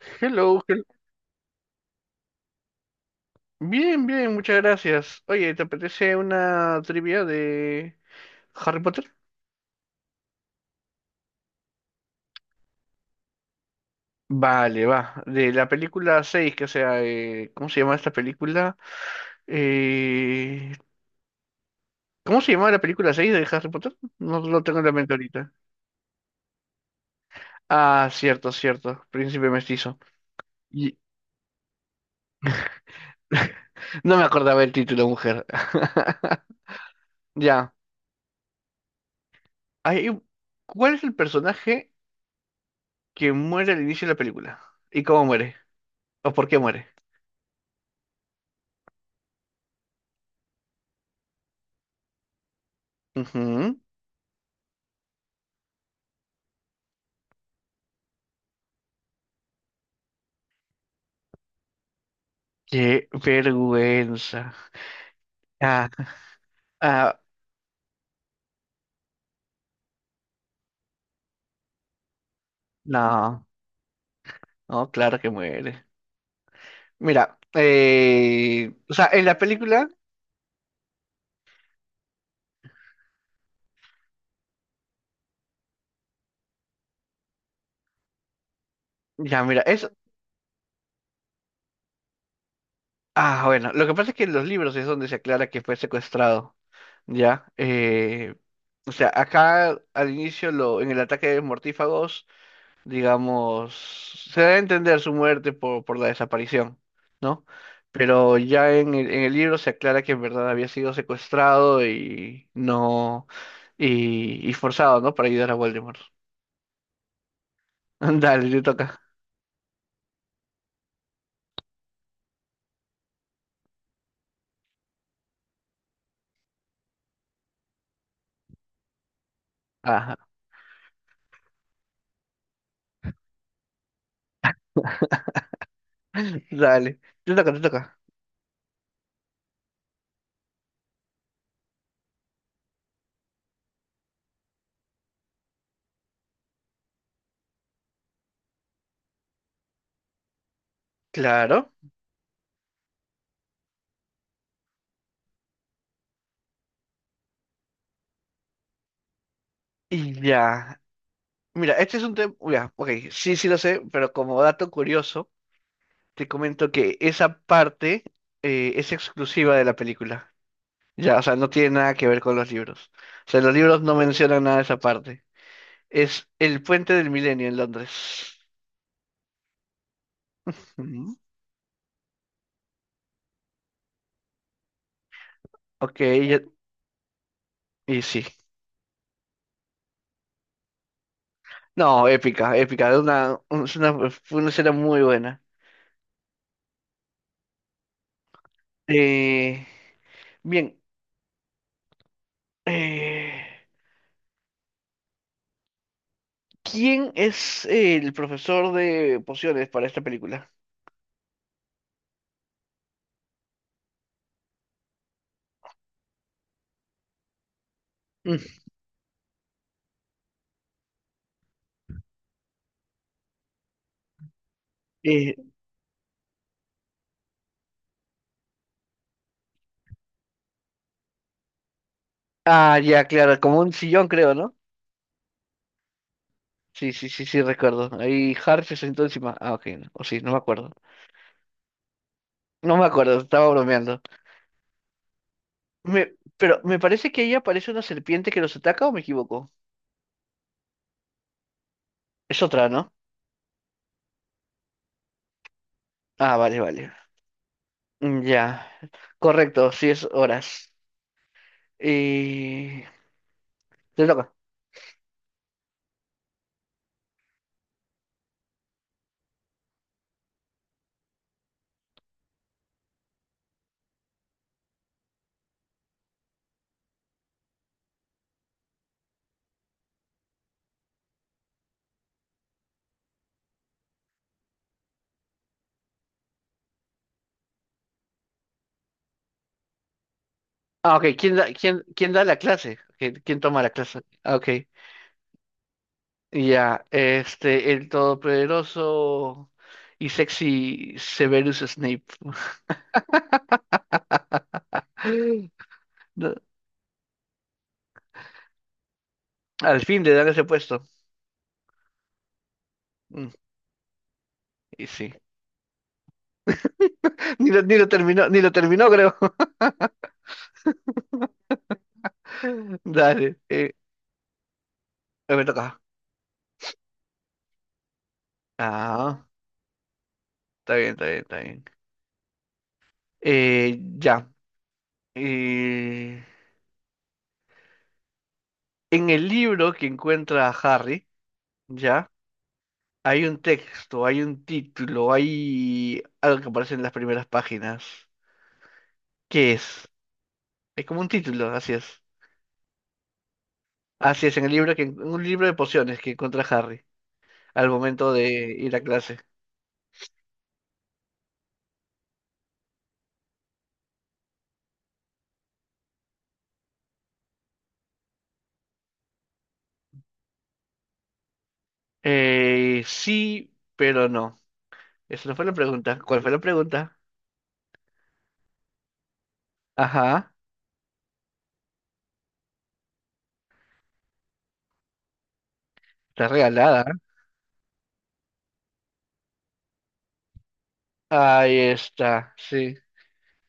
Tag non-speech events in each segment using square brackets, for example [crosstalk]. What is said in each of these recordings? Hello, hel- Bien, bien, muchas gracias. Oye, ¿te apetece una trivia de Harry Potter? Vale, va. De la película 6, que sea, ¿cómo se llama esta película? Eh, ¿Cómo se llama la película 6 de Harry Potter? No lo tengo en la mente ahorita. Ah, cierto, cierto. Príncipe mestizo. Y- [laughs] No me acordaba el título, mujer. [laughs] Ya. Hay un- ¿Cuál es el personaje que muere al inicio de la película? ¿Y cómo muere? ¿O por qué muere? Ujú. Qué vergüenza. Ah, ah, no, no, claro que muere. Mira, o sea, en la película, ya, mira, es, bueno, lo que pasa es que en los libros es donde se aclara que fue secuestrado, ya, o sea, acá al inicio, en el ataque de mortífagos, digamos, se da a entender su muerte por la desaparición, ¿no? Pero ya en el libro se aclara que en verdad había sido secuestrado y no. Y forzado, ¿no? Para ayudar a Voldemort. [laughs] Dale, te toca. Ajá, dale. Te toca, te toca. Claro. Y ya. Mira, este es un tema. Ya, ok. Sí, sí lo sé, pero como dato curioso, te comento que esa parte es exclusiva de la película. Ya, o sea, no tiene nada que ver con los libros. O sea, los libros no mencionan nada de esa parte. Es el Puente del Milenio en Londres. Ujú. Ok, ya- y sí. No, épica, épica. Una, un- es una, fue una escena muy buena. Eh, bien, eh, ¿quién es el profesor de pociones para esta película? Mm, eh, ya, claro, como un sillón creo, ¿no? Sí, sí, sí, sí, recuerdo. Ahí Harry se sentó encima. Ah, ok, no, o sí, no me acuerdo. No me acuerdo, estaba bromeando. Pero me parece que ahí aparece una serpiente que los ataca o me equivoco. Es otra, ¿no? Ah, vale, vale. Ya, correcto, sí es Horas. Eh, Te toca. Ah, ok, ¿quién da, quién da la clase? Ok, ¿Quién toma la clase? Ah, ok, ya, este, el todopoderoso y sexy Severus Snape. [gasps] [laughs] No, al fin le dan ese puesto. Mm, y sí. [laughs] Ni lo terminó, ni lo terminó, creo. [laughs] Dale, me toca. Ah, está bien, está bien, está bien. Ya. Eh, en el libro que encuentra a Harry, ya. Hay un texto, hay un título, hay algo que aparece en las primeras páginas. ¿Qué es? Es como un título, así es. Así es, en un libro de pociones que encuentra Harry al momento de ir a clase. Sí, pero no. Esa no fue la pregunta. ¿Cuál fue la pregunta? Ajá, está regalada. Ahí está, sí,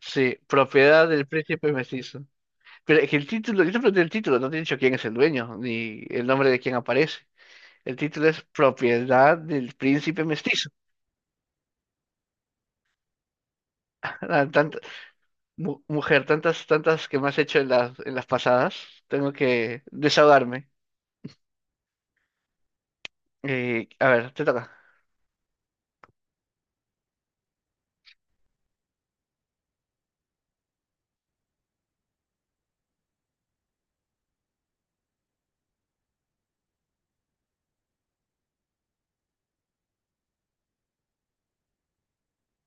sí. Propiedad del príncipe mestizo. Pero es que el título, yo te pregunté el título, no te he dicho quién es el dueño, ni el nombre de quién aparece. El título es Propiedad del Príncipe Mestizo. [laughs] Ah, mujer, tantas, tantas que me has hecho en las pasadas. Tengo que desahogarme. A ver, te toca.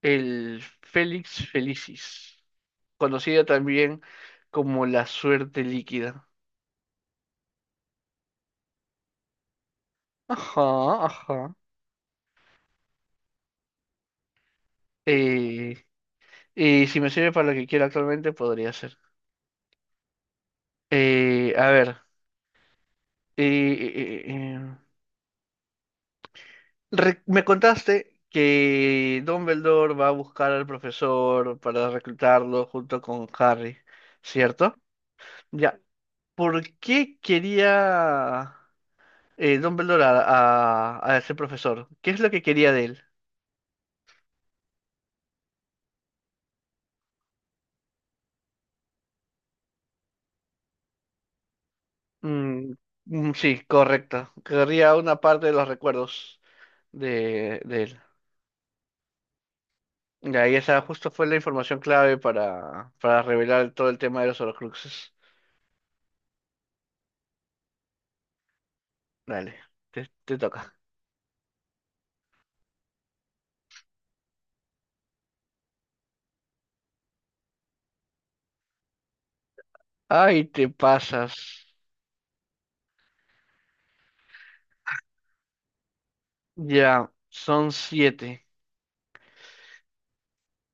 El Félix Felicis, conocida también como la suerte líquida. Ajá, ajá. Eh, y si me sirve para lo que quiero actualmente, podría ser. A ver. eh, eh, eh, eh, me contaste que Dumbledore va a buscar al profesor para reclutarlo junto con Harry, ¿cierto? Ya. ¿Por qué quería Dumbledore a ese profesor? ¿Qué es lo que quería de él? Mm, mm, sí, correcto. Querría una parte de los recuerdos de él. Ya, y esa justo fue la información clave para revelar todo el tema de los Horcruxes. Dale, te toca. Ay, te pasas. Ya, son siete.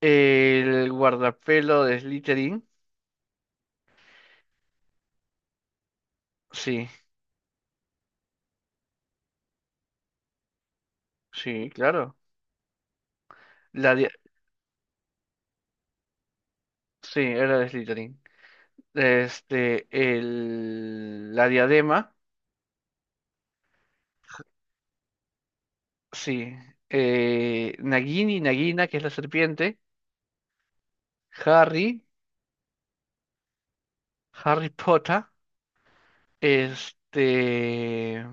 El guardapelo de Slytherin. Sí, sí, claro. La dia- sí, era de Slytherin. Este, la diadema. Sí. Nagini, Nagina, que es la serpiente. Harry, Harry Potter. Este,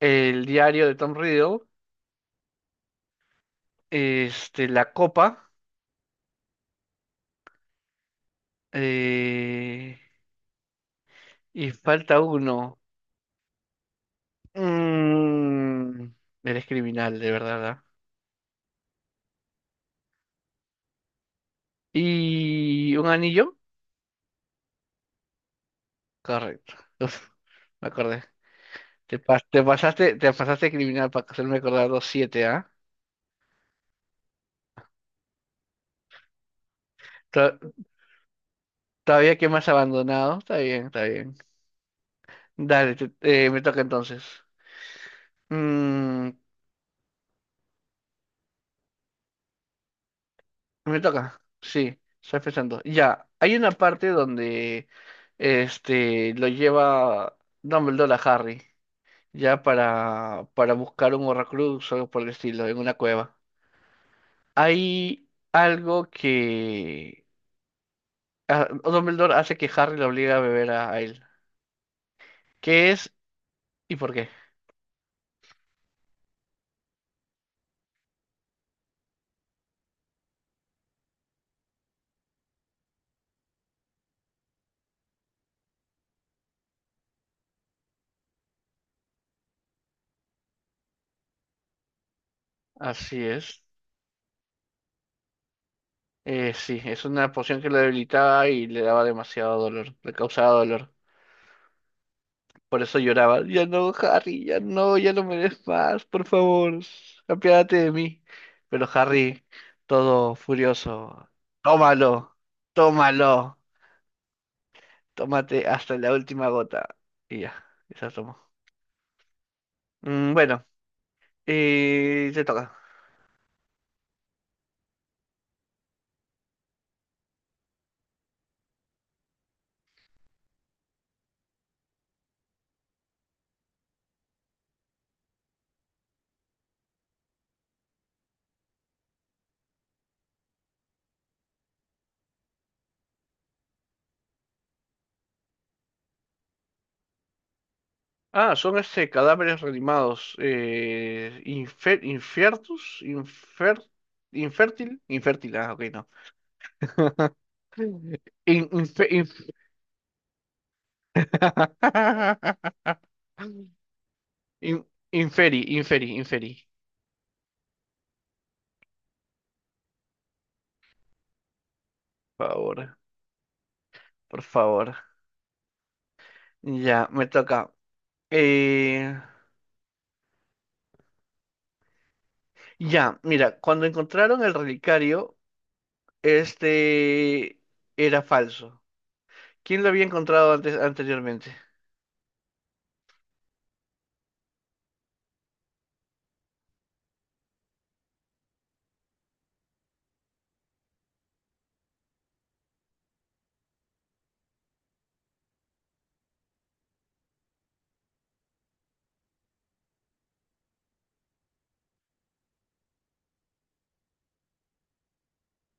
el diario de Tom Riddle. Este, la copa. eh, y falta uno. Mm, eres criminal, de verdad, ¿verdad? ¿Y un anillo? Correcto. Uf, me acordé. Te pasaste, te pasaste criminal para hacerme acordar los siete, ¿ah? To- Todavía que más abandonado. Está bien, está bien. Dale, me toca entonces. Mm, me toca. Sí, estoy pensando. Ya, hay una parte donde este lo lleva Dumbledore a Harry. Ya para buscar un Horrocrux o algo por el estilo, en una cueva. Hay algo que Dumbledore hace que Harry lo obliga a beber a él. ¿Qué es y por qué? Así es. Sí, es una poción que lo debilitaba y le daba demasiado dolor, le causaba dolor. Por eso lloraba. Ya no, Harry, ya no, ya no me des más, por favor. Apiádate de mí. Pero Harry, todo furioso, tómalo, tómalo. Tómate hasta la última gota. Y ya, esa tomo. Bueno, te toca. Ah, son este cadáveres reanimados. Infiertus, infértil, infértil, ok, no. [laughs] In- infe- inf- [laughs] In- inferi, inferi, inferi. Por favor, por favor. Ya, me toca. Eh, ya, mira, cuando encontraron el relicario. Este era falso. ¿Quién lo había encontrado antes, anteriormente?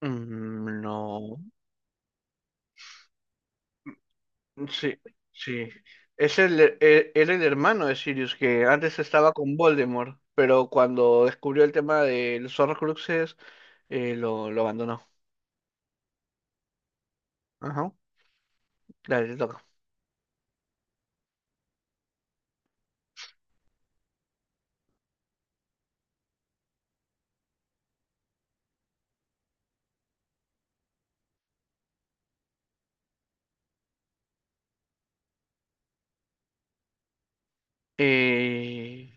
Mm, no. Sí, sí. Es el, e- e, era el hermano de Sirius, que antes estaba con Voldemort, pero cuando descubrió el tema de los horrocruxes, lo abandonó. Ajá. Dale, te toca. Eh,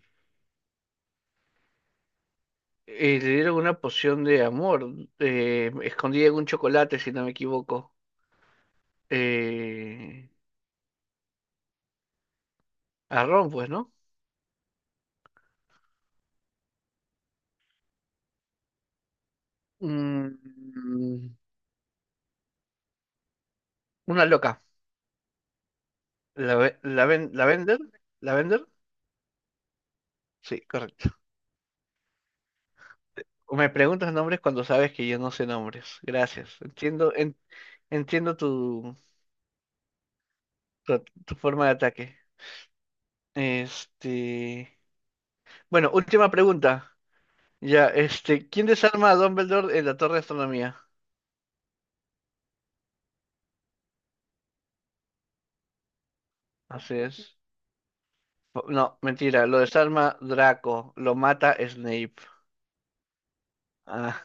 Le dieron una poción de amor, escondida en un chocolate, si no me equivoco. Eh, a Ron, pues, ¿no? Mm, Una loca. La vender. La vender. Sí, correcto. Me preguntas nombres cuando sabes que yo no sé nombres. Gracias. Entiendo, entiendo tu, tu forma de ataque. Este. Bueno, última pregunta. Ya, este, ¿quién desarma a Dumbledore en la Torre de Astronomía? Así es. No, mentira, lo desarma Draco, lo mata Snape. Ah,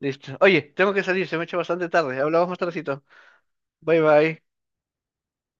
listo. Oye, tengo que salir, se me ha hecho bastante tarde. Hablamos más tardecito. Bye bye.